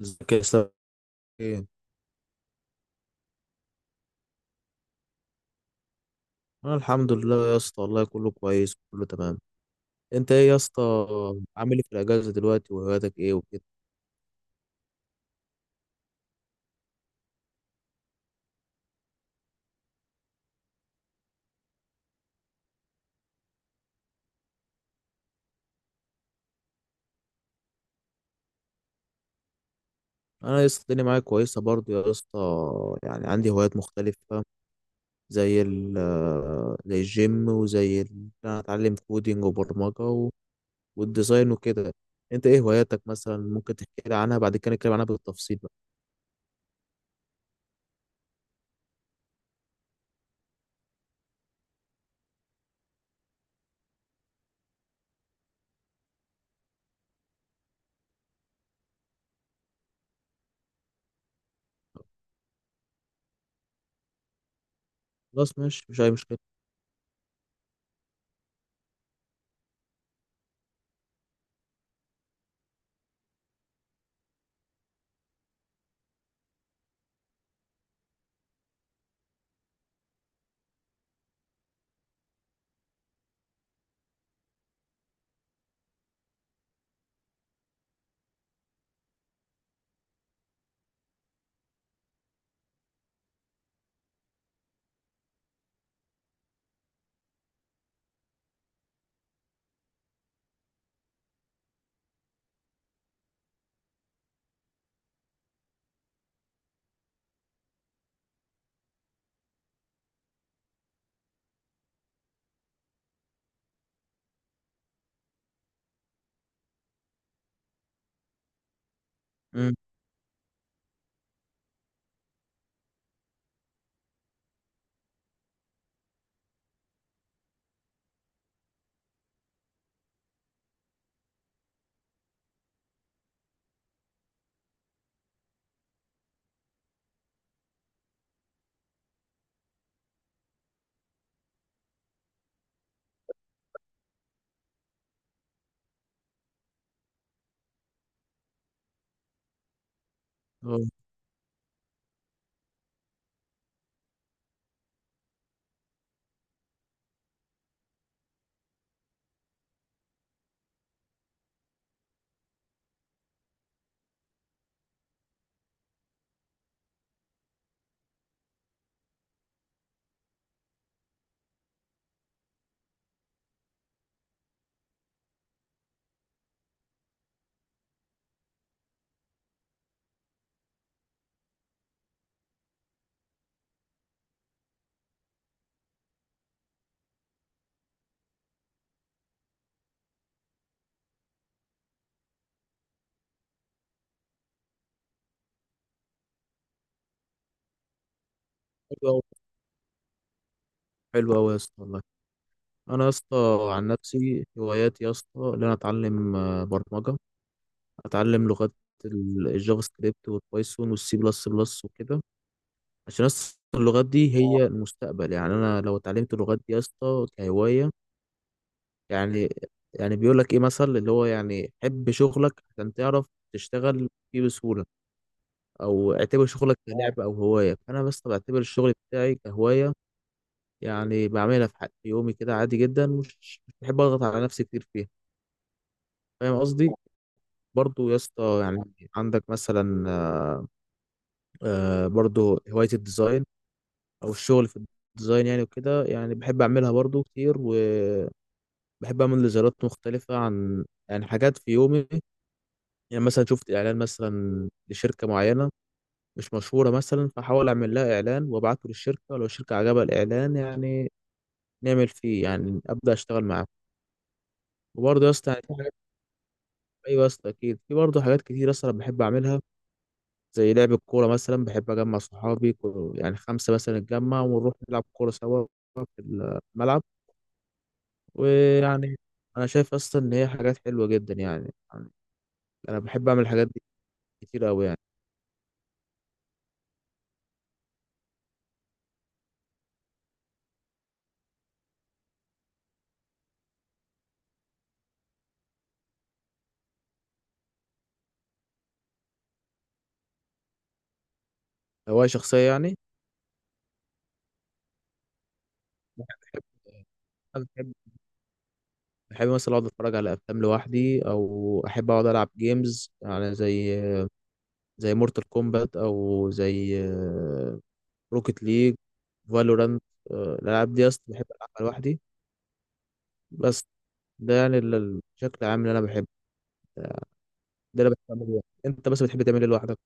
ازيك يا اسطى؟ ايه، انا الحمد لله يا اسطى والله، كله كويس كله تمام. انت ايه يا اسطى؟ عامل ايه في الاجازه دلوقتي وهواياتك ايه وكده؟ انا يا اسطى الدنيا معايا كويسه برضو يا اسطى. يعني عندي هوايات مختلفه، زي ال زي الجيم وزي ال- إن انا اتعلم كودينج وبرمجه والديزاين وكده. انت ايه هواياتك مثلا؟ ممكن تحكي لي عنها، بعد كده نتكلم عنها بالتفصيل بقى. خلاص ماشي مش اي مشكله. امم حلو قوي، حلو قوي يا اسطى والله. انا يا اسطى عن نفسي هواياتي يا اسطى ان انا اتعلم برمجه، اتعلم لغات، الجافا سكريبت والبايثون والسي بلس بلس وكده. عشان يا اسطى اللغات دي هي المستقبل، يعني انا لو اتعلمت اللغات دي يا اسطى كهوايه، يعني يعني بيقول لك ايه مثل اللي هو يعني حب شغلك عشان تعرف تشتغل فيه بسهوله، او اعتبر شغلك كلعبه او هوايه، فانا بس بعتبر الشغل بتاعي كهوايه، يعني بعملها في في يومي كده عادي جدا، مش بحب اضغط على نفسي كتير فيها. فاهم قصدي؟ برضو يا اسطى يعني عندك مثلا برضو هواية الديزاين أو الشغل في الديزاين يعني وكده، يعني بحب أعملها برضو كتير، وبحب أعمل ديزاينات مختلفة عن يعني حاجات في يومي. يعني مثلا شفت إعلان مثلا لشركة معينة مش مشهورة مثلا، فحاول أعمل لها إعلان وأبعته للشركة، لو الشركة عجبها الإعلان يعني نعمل فيه، يعني أبدأ أشتغل معاه. وبرضه يا اسطى يعني في حاجات، أيوة يا اسطى أكيد في برضه حاجات كتير يا اسطى أنا بحب أعملها، زي لعب الكورة مثلا، بحب أجمع صحابي يعني خمسة مثلا نتجمع ونروح نلعب كورة سوا في الملعب. ويعني أنا شايف أصلا إن هي حاجات حلوة جدا يعني، أنا بحب أعمل الحاجات دي كتير أوي يعني. هواية شخصية يعني؟ بحب بحب بحب مثلا أقعد أتفرج على أفلام لوحدي، أو أحب أقعد ألعب جيمز يعني زي مورتال كومبات أو زي روكيت ليج، فالورانت، الألعاب دي أصلا بحب ألعبها لوحدي. بس ده يعني الشكل العام اللي أنا بحبه، ده اللي بحب اعمله لوحدي. انت بس بتحب تعمل ايه لوحدك؟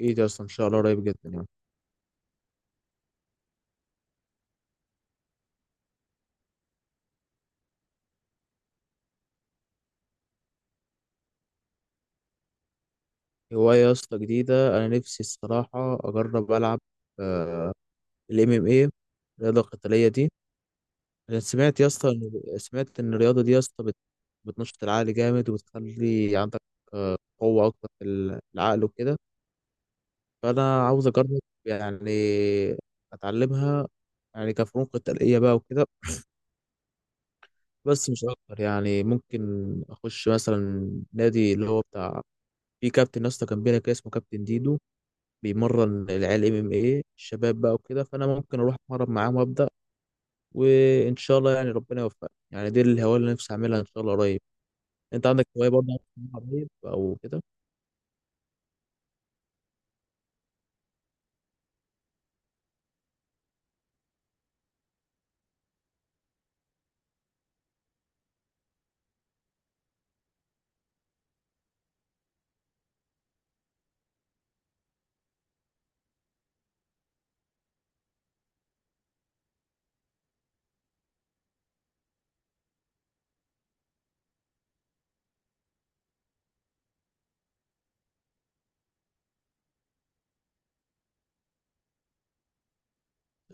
ايه ده؟ اصلا ان شاء الله قريب جدا يعني. هوايه يا اسطى جديده، انا نفسي الصراحه اجرب العب الام ام ايه، الرياضه القتاليه دي. انا سمعت يا اسطى سمعت ان الرياضه دي يا اسطى بتنشط العقل جامد، وبتخلي عندك قوه اكتر في العقل وكده. فانا عاوز اجرب يعني اتعلمها يعني كفنون قتاليه بقى وكده، بس مش اكتر يعني. ممكن اخش مثلا نادي اللي هو بتاع، في كابتن يا اسطى كان بينا كده اسمه كابتن ديدو، بيمرن العيال ام ام ايه، الشباب بقى وكده، فانا ممكن اروح اتمرن معاهم وابدا، وان شاء الله يعني ربنا يوفقني، يعني دي الهوايه اللي نفسي اعملها ان شاء الله قريب. انت عندك هوايه برضه عايز تعملها قريب او كده؟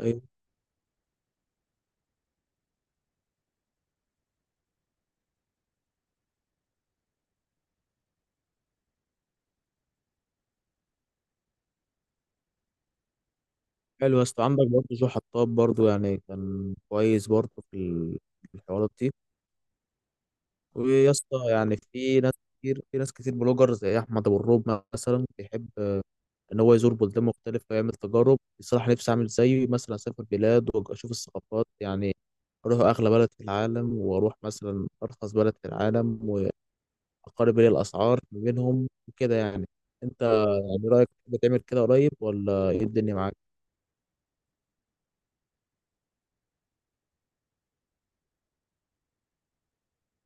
أيوة. حلو يا اسطى، عندك برضه جو حطاب برضه، يعني كان كويس برضه في في الحوارات دي. ويا اسطى يعني في ناس كتير، في ناس كتير بلوجر زي احمد ابو الروب مثلا، بيحب ان هو يزور بلدان مختلفه ويعمل تجارب. بصراحه نفسي اعمل زيه، مثلا اسافر بلاد واشوف الثقافات، يعني اروح اغلى بلد في العالم واروح مثلا ارخص بلد في العالم، واقارب بين الاسعار ما بينهم وكده يعني. انت يعني رايك بتعمل كده قريب ولا ايه الدنيا معاك؟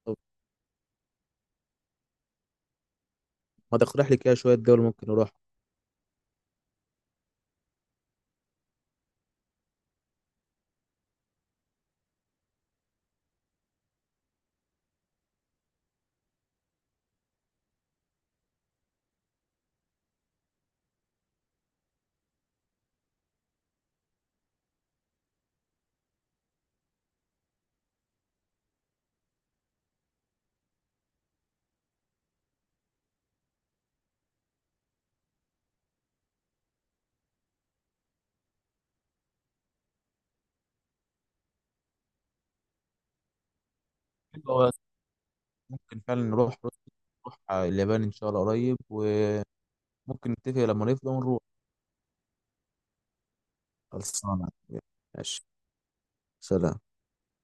طب ما تقترح لي كده شويه دول ممكن نروح. حلو، ممكن فعلا نروح روسيا، نروح اليابان ان شاء الله قريب، وممكن نتفق لما نفضى ونروح. خلصانه ماشي. سلام.